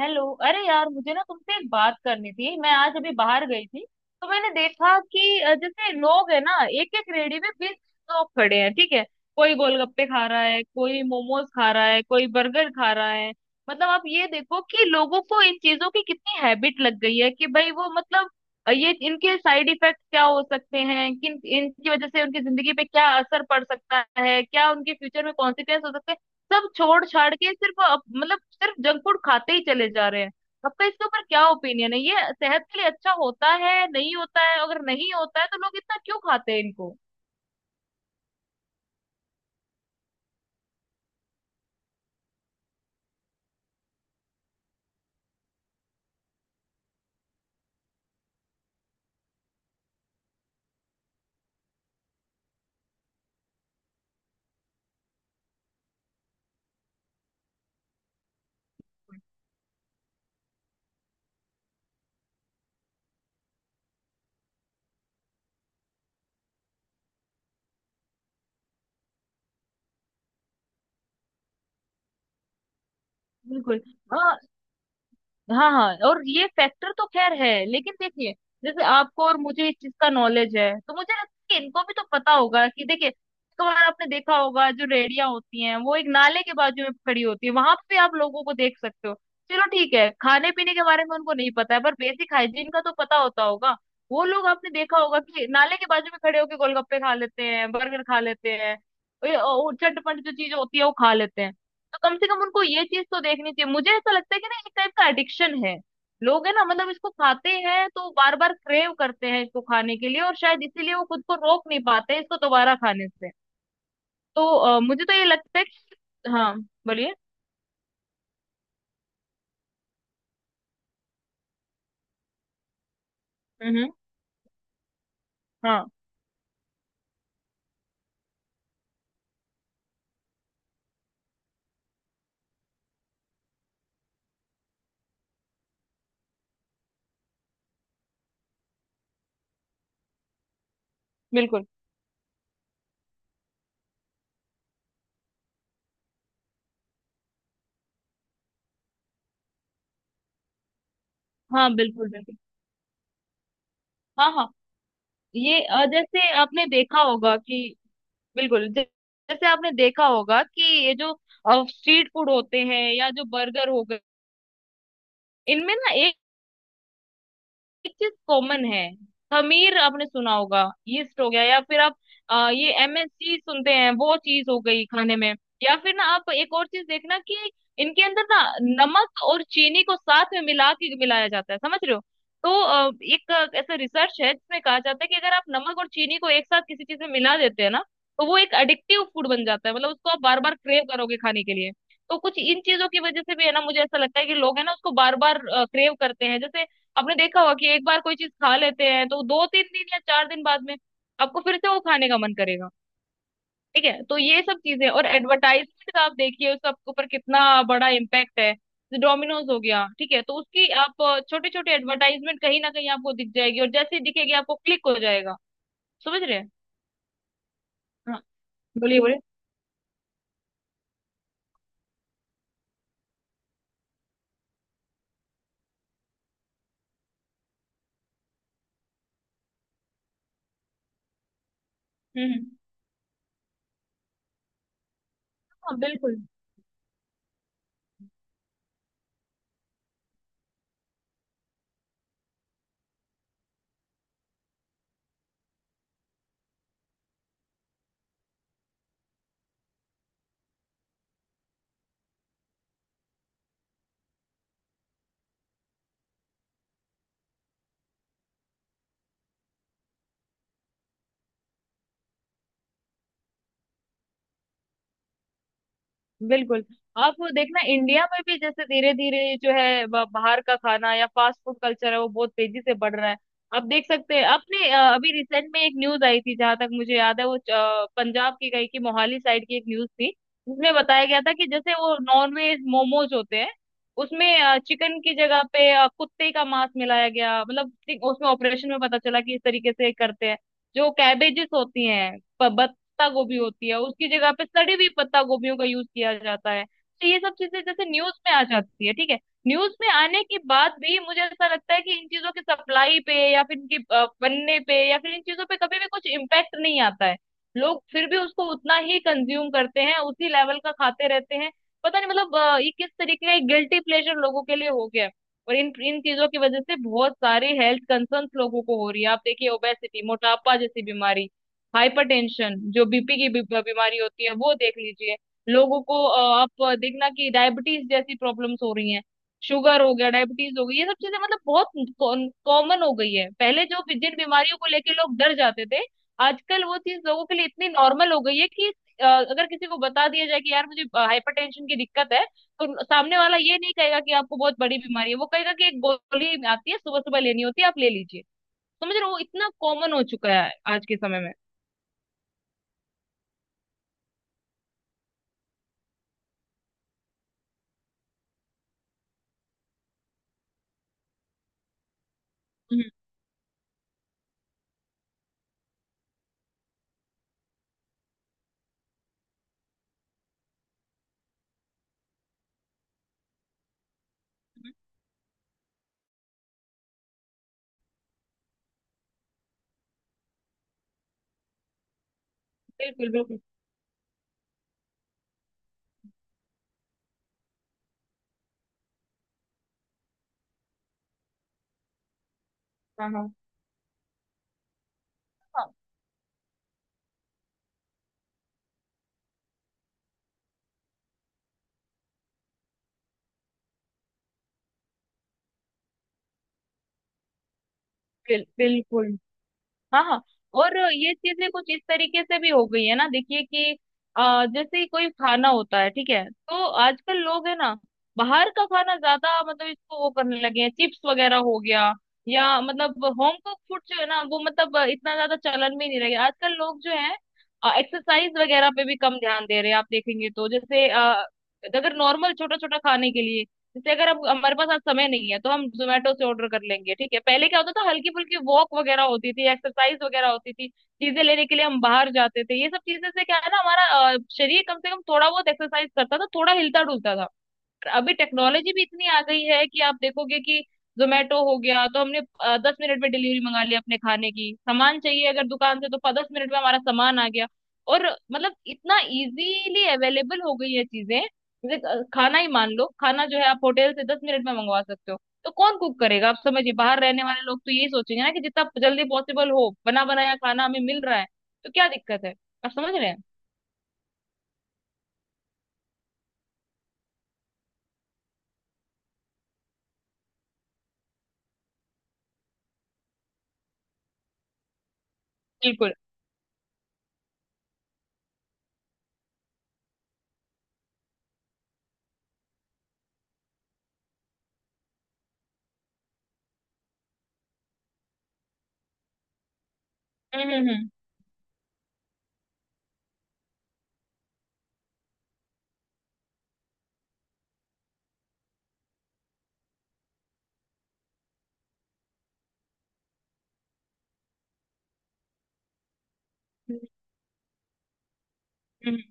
Hello. अरे यार, मुझे ना तुमसे एक बात करनी थी। मैं आज अभी बाहर गई थी, तो मैंने देखा कि जैसे लोग है ना, एक एक रेडी में 20 लोग खड़े हैं। ठीक है, कोई गोलगप्पे खा रहा है, कोई मोमोज खा रहा है, कोई बर्गर खा रहा है। मतलब आप ये देखो कि लोगों को इन चीजों की कितनी हैबिट लग गई है कि भाई वो मतलब ये इनके साइड इफेक्ट क्या हो सकते हैं, किन इनकी वजह से उनकी जिंदगी पे क्या असर पड़ सकता है, क्या उनके फ्यूचर में कॉन्सिक्वेंस हो सकते हैं। सब छोड़ छाड़ के सिर्फ मतलब सिर्फ जंक फूड खाते ही चले जा रहे हैं। आपका इसके ऊपर क्या ओपिनियन है? ये सेहत के लिए अच्छा होता है, नहीं होता है? अगर नहीं होता है तो लोग इतना क्यों खाते हैं इनको? बिल्कुल। हाँ हाँ, और ये फैक्टर तो खैर है, लेकिन देखिए जैसे आपको और मुझे इस चीज का नॉलेज है, तो मुझे लगता है कि इनको भी तो पता होगा कि देखिए, एक बार आपने देखा होगा जो रेड़ियां होती हैं वो एक नाले के बाजू में खड़ी होती है, वहां पे आप लोगों को देख सकते हो। चलो ठीक है, खाने पीने के बारे में उनको नहीं पता है, पर बेसिक हाइजीन का तो पता होता होगा। वो लोग आपने देखा होगा कि नाले के बाजू में खड़े होके गोलगप्पे खा लेते हैं, बर्गर खा लेते हैं, और चटपट जो चीज होती है वो खा लेते हैं। तो कम से कम उनको ये चीज तो देखनी चाहिए। मुझे ऐसा लगता है कि ना एक टाइप का एडिक्शन है, लोग है ना मतलब इसको खाते हैं तो बार बार क्रेव करते हैं इसको खाने के लिए, और शायद इसीलिए वो खुद को रोक नहीं पाते इसको दोबारा खाने से। तो मुझे तो ये लगता है कि हाँ, बोलिए। हम्म। हाँ। बिल्कुल। हाँ बिल्कुल। बिल्कुल हाँ हाँ। ये जैसे आपने देखा होगा कि बिल्कुल जैसे आपने देखा होगा कि ये जो स्ट्रीट फूड होते हैं या जो बर्गर हो गए, इनमें ना एक चीज कॉमन है। खमीर आपने सुना होगा, यीस्ट हो गया, या फिर आप ये एमएसजी सुनते हैं वो चीज हो गई खाने में, या फिर ना आप एक और चीज देखना कि इनके अंदर ना नमक और चीनी को साथ में मिला के मिलाया जाता है, समझ रहे हो? तो एक ऐसा रिसर्च है जिसमें कहा जाता है कि अगर आप नमक और चीनी को एक साथ किसी चीज में मिला देते हैं ना, तो वो एक एडिक्टिव फूड बन जाता है। मतलब उसको आप बार बार क्रेव करोगे खाने के लिए। तो कुछ इन चीजों की वजह से भी है ना, मुझे ऐसा लगता है कि लोग है ना उसको बार बार क्रेव करते हैं। जैसे आपने देखा होगा कि एक बार कोई चीज खा लेते हैं, तो 2-3 दिन या 4 दिन बाद में आपको फिर से वो खाने का मन करेगा। ठीक है, तो ये सब चीजें और एडवर्टाइजमेंट, आप देखिए उसका आपके ऊपर कितना बड़ा इम्पैक्ट है। डोमिनोज हो गया, ठीक है, तो उसकी आप छोटे छोटे एडवर्टाइजमेंट कहीं ना कहीं आपको दिख जाएगी, और जैसे ही दिखेगी आपको क्लिक हो जाएगा। समझ रहे हैं? हाँ, बोलिए बोलिए। हम्म हम्म। हाँ बिल्कुल बिल्कुल। आप वो देखना इंडिया में भी, जैसे धीरे धीरे जो है बाहर का खाना या फास्ट फूड कल्चर है, वो बहुत तेजी से बढ़ रहा है। आप देख सकते हैं, आपने अभी रिसेंट में एक न्यूज आई थी, जहां तक मुझे याद है वो पंजाब की कहीं की मोहाली साइड की एक न्यूज थी, जिसमें बताया गया था कि जैसे वो नॉनवेज मोमोज होते हैं उसमें चिकन की जगह पे कुत्ते का मांस मिलाया गया। मतलब ठीक उसमें ऑपरेशन में पता चला कि इस तरीके से करते हैं। जो कैबेजेस होती हैं, पत्ता गोभी होती है, उसकी जगह पे सड़ी हुई पत्ता गोभियों का यूज किया जाता है। तो ये सब चीजें जैसे न्यूज में आ जाती है, ठीक है, न्यूज में आने के बाद भी मुझे ऐसा लगता है कि इन चीजों की सप्लाई पे, या फिर इनके बनने पे, या फिर इन चीजों पे कभी भी कुछ इम्पैक्ट नहीं आता है। लोग फिर भी उसको उतना ही कंज्यूम करते हैं, उसी लेवल का खाते रहते हैं। पता नहीं मतलब ये किस तरीके का एक गिल्टी प्लेजर लोगों के लिए हो गया है। और इन इन चीजों की वजह से बहुत सारे हेल्थ कंसर्न्स लोगों को हो रही है। आप देखिए ओबेसिटी, मोटापा जैसी बीमारी, हाइपरटेंशन जो बीपी की बीमारी होती है वो देख लीजिए, लोगों को आप देखना कि डायबिटीज जैसी प्रॉब्लम्स हो रही हैं। शुगर हो गया, डायबिटीज हो गई, ये सब चीजें मतलब बहुत कॉमन हो गई है। पहले जो जिन बीमारियों को लेके लोग डर जाते थे, आजकल वो चीज लोगों के लिए इतनी नॉर्मल हो गई है कि अगर किसी को बता दिया जाए कि यार मुझे हाइपरटेंशन की दिक्कत है, तो सामने वाला ये नहीं कहेगा कि आपको बहुत बड़ी बीमारी है, वो कहेगा कि एक गोली आती है सुबह सुबह लेनी होती है, आप ले लीजिए। समझ रहे हो? वो इतना कॉमन हो चुका है आज के समय में। बिल्कुल बिल्कुल। हाँ हाँ हाँ बिल्कुल। हाँ हाँ, और ये चीजें कुछ इस तरीके से भी हो गई है ना, देखिए कि जैसे ही कोई खाना होता है, ठीक है, तो आजकल लोग है ना बाहर का खाना ज्यादा, मतलब इसको वो करने लगे हैं, चिप्स वगैरह हो गया, या मतलब होम कुक फूड जो है ना वो मतलब इतना ज्यादा चलन में ही नहीं रहे। आजकल लोग जो है एक्सरसाइज वगैरह पे भी कम ध्यान दे रहे हैं। आप देखेंगे तो जैसे अगर नॉर्मल छोटा छोटा खाने के लिए, जैसे अगर अब हमारे पास आज समय नहीं है तो हम जोमेटो से ऑर्डर कर लेंगे। ठीक है, पहले क्या होता था, हल्की फुल्की वॉक वगैरह होती थी, एक्सरसाइज वगैरह होती थी, चीजें लेने के लिए हम बाहर जाते थे, ये सब चीजें से क्या है ना, हमारा शरीर कम से कम थोड़ा बहुत एक्सरसाइज करता था, थोड़ा हिलता डुलता था। अभी टेक्नोलॉजी भी इतनी आ गई है कि आप देखोगे कि जोमेटो हो गया, तो हमने 10 मिनट में डिलीवरी मंगा ली, अपने खाने की सामान चाहिए अगर दुकान से, तो 10 मिनट में हमारा सामान आ गया। और मतलब इतना इजीली अवेलेबल हो गई है चीजें, जैसे खाना ही मान लो, खाना जो है आप होटल से 10 मिनट में मंगवा सकते हो। तो कौन कुक करेगा? आप समझिए, बाहर रहने वाले लोग तो यही सोचेंगे ना कि जितना जल्दी पॉसिबल हो बना बनाया खाना हमें मिल रहा है, तो क्या दिक्कत है? आप समझ रहे हैं? बिल्कुल। हम्म हम्म हम्म।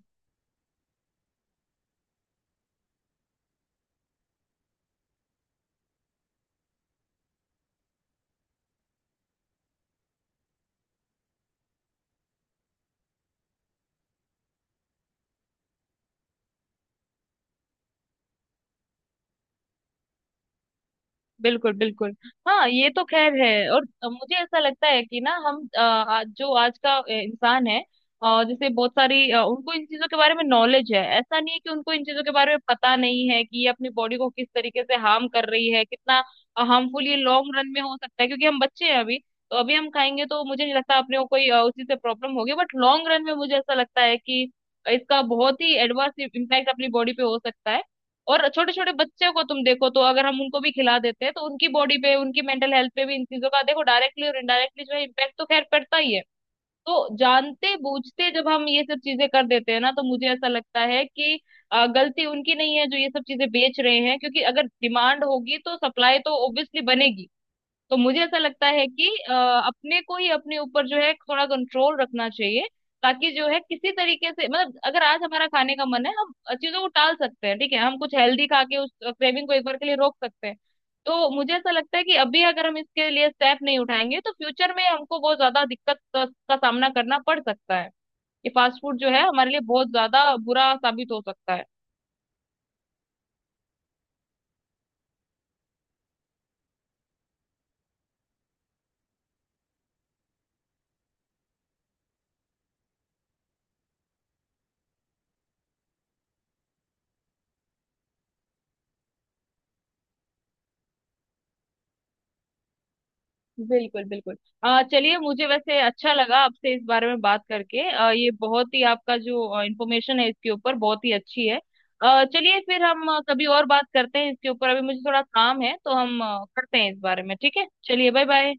बिल्कुल बिल्कुल। हाँ, ये तो खैर है, और मुझे ऐसा लगता है कि ना, हम आज जो आज का इंसान है, और जैसे बहुत सारी उनको इन चीजों के बारे में नॉलेज है, ऐसा नहीं है कि उनको इन चीजों के बारे में पता नहीं है कि ये अपनी बॉडी को किस तरीके से हार्म कर रही है, कितना हार्मफुल ये लॉन्ग रन में हो सकता है। क्योंकि हम बच्चे हैं अभी, तो अभी हम खाएंगे तो मुझे नहीं लगता अपने को कोई उसी से प्रॉब्लम होगी, बट लॉन्ग रन में मुझे ऐसा लगता है कि इसका बहुत ही एडवर्स इम्पैक्ट अपनी बॉडी पे हो सकता है। और छोटे छोटे बच्चे को तुम देखो, तो अगर हम उनको भी खिला देते हैं तो उनकी बॉडी पे, उनकी मेंटल हेल्थ पे भी इन चीजों का देखो डायरेक्टली और इनडायरेक्टली जो है इम्पैक्ट तो खैर पड़ता ही है। तो जानते बूझते जब हम ये सब चीजें कर देते हैं ना, तो मुझे ऐसा लगता है कि गलती उनकी नहीं है जो ये सब चीजें बेच रहे हैं, क्योंकि अगर डिमांड होगी तो सप्लाई तो ऑब्वियसली बनेगी। तो मुझे ऐसा लगता है कि अपने को ही अपने ऊपर जो है थोड़ा कंट्रोल रखना चाहिए, ताकि जो है किसी तरीके से, मतलब अगर आज हमारा खाने का मन है, हम चीजों को टाल सकते हैं। ठीक है, हम कुछ हेल्दी खा के उस क्रेविंग को एक बार के लिए रोक सकते हैं। तो मुझे ऐसा लगता है कि अभी अगर हम इसके लिए स्टेप नहीं उठाएंगे, तो फ्यूचर में हमको बहुत ज्यादा दिक्कत का सामना करना पड़ सकता है। ये फास्ट फूड जो है हमारे लिए बहुत ज्यादा बुरा साबित हो सकता है। बिल्कुल बिल्कुल। आ चलिए, मुझे वैसे अच्छा लगा आपसे इस बारे में बात करके। ये बहुत ही आपका जो इंफॉर्मेशन है इसके ऊपर, बहुत ही अच्छी है। चलिए फिर हम कभी और बात करते हैं इसके ऊपर, अभी मुझे थोड़ा काम है तो हम करते हैं इस बारे में, ठीक है? चलिए बाय बाय।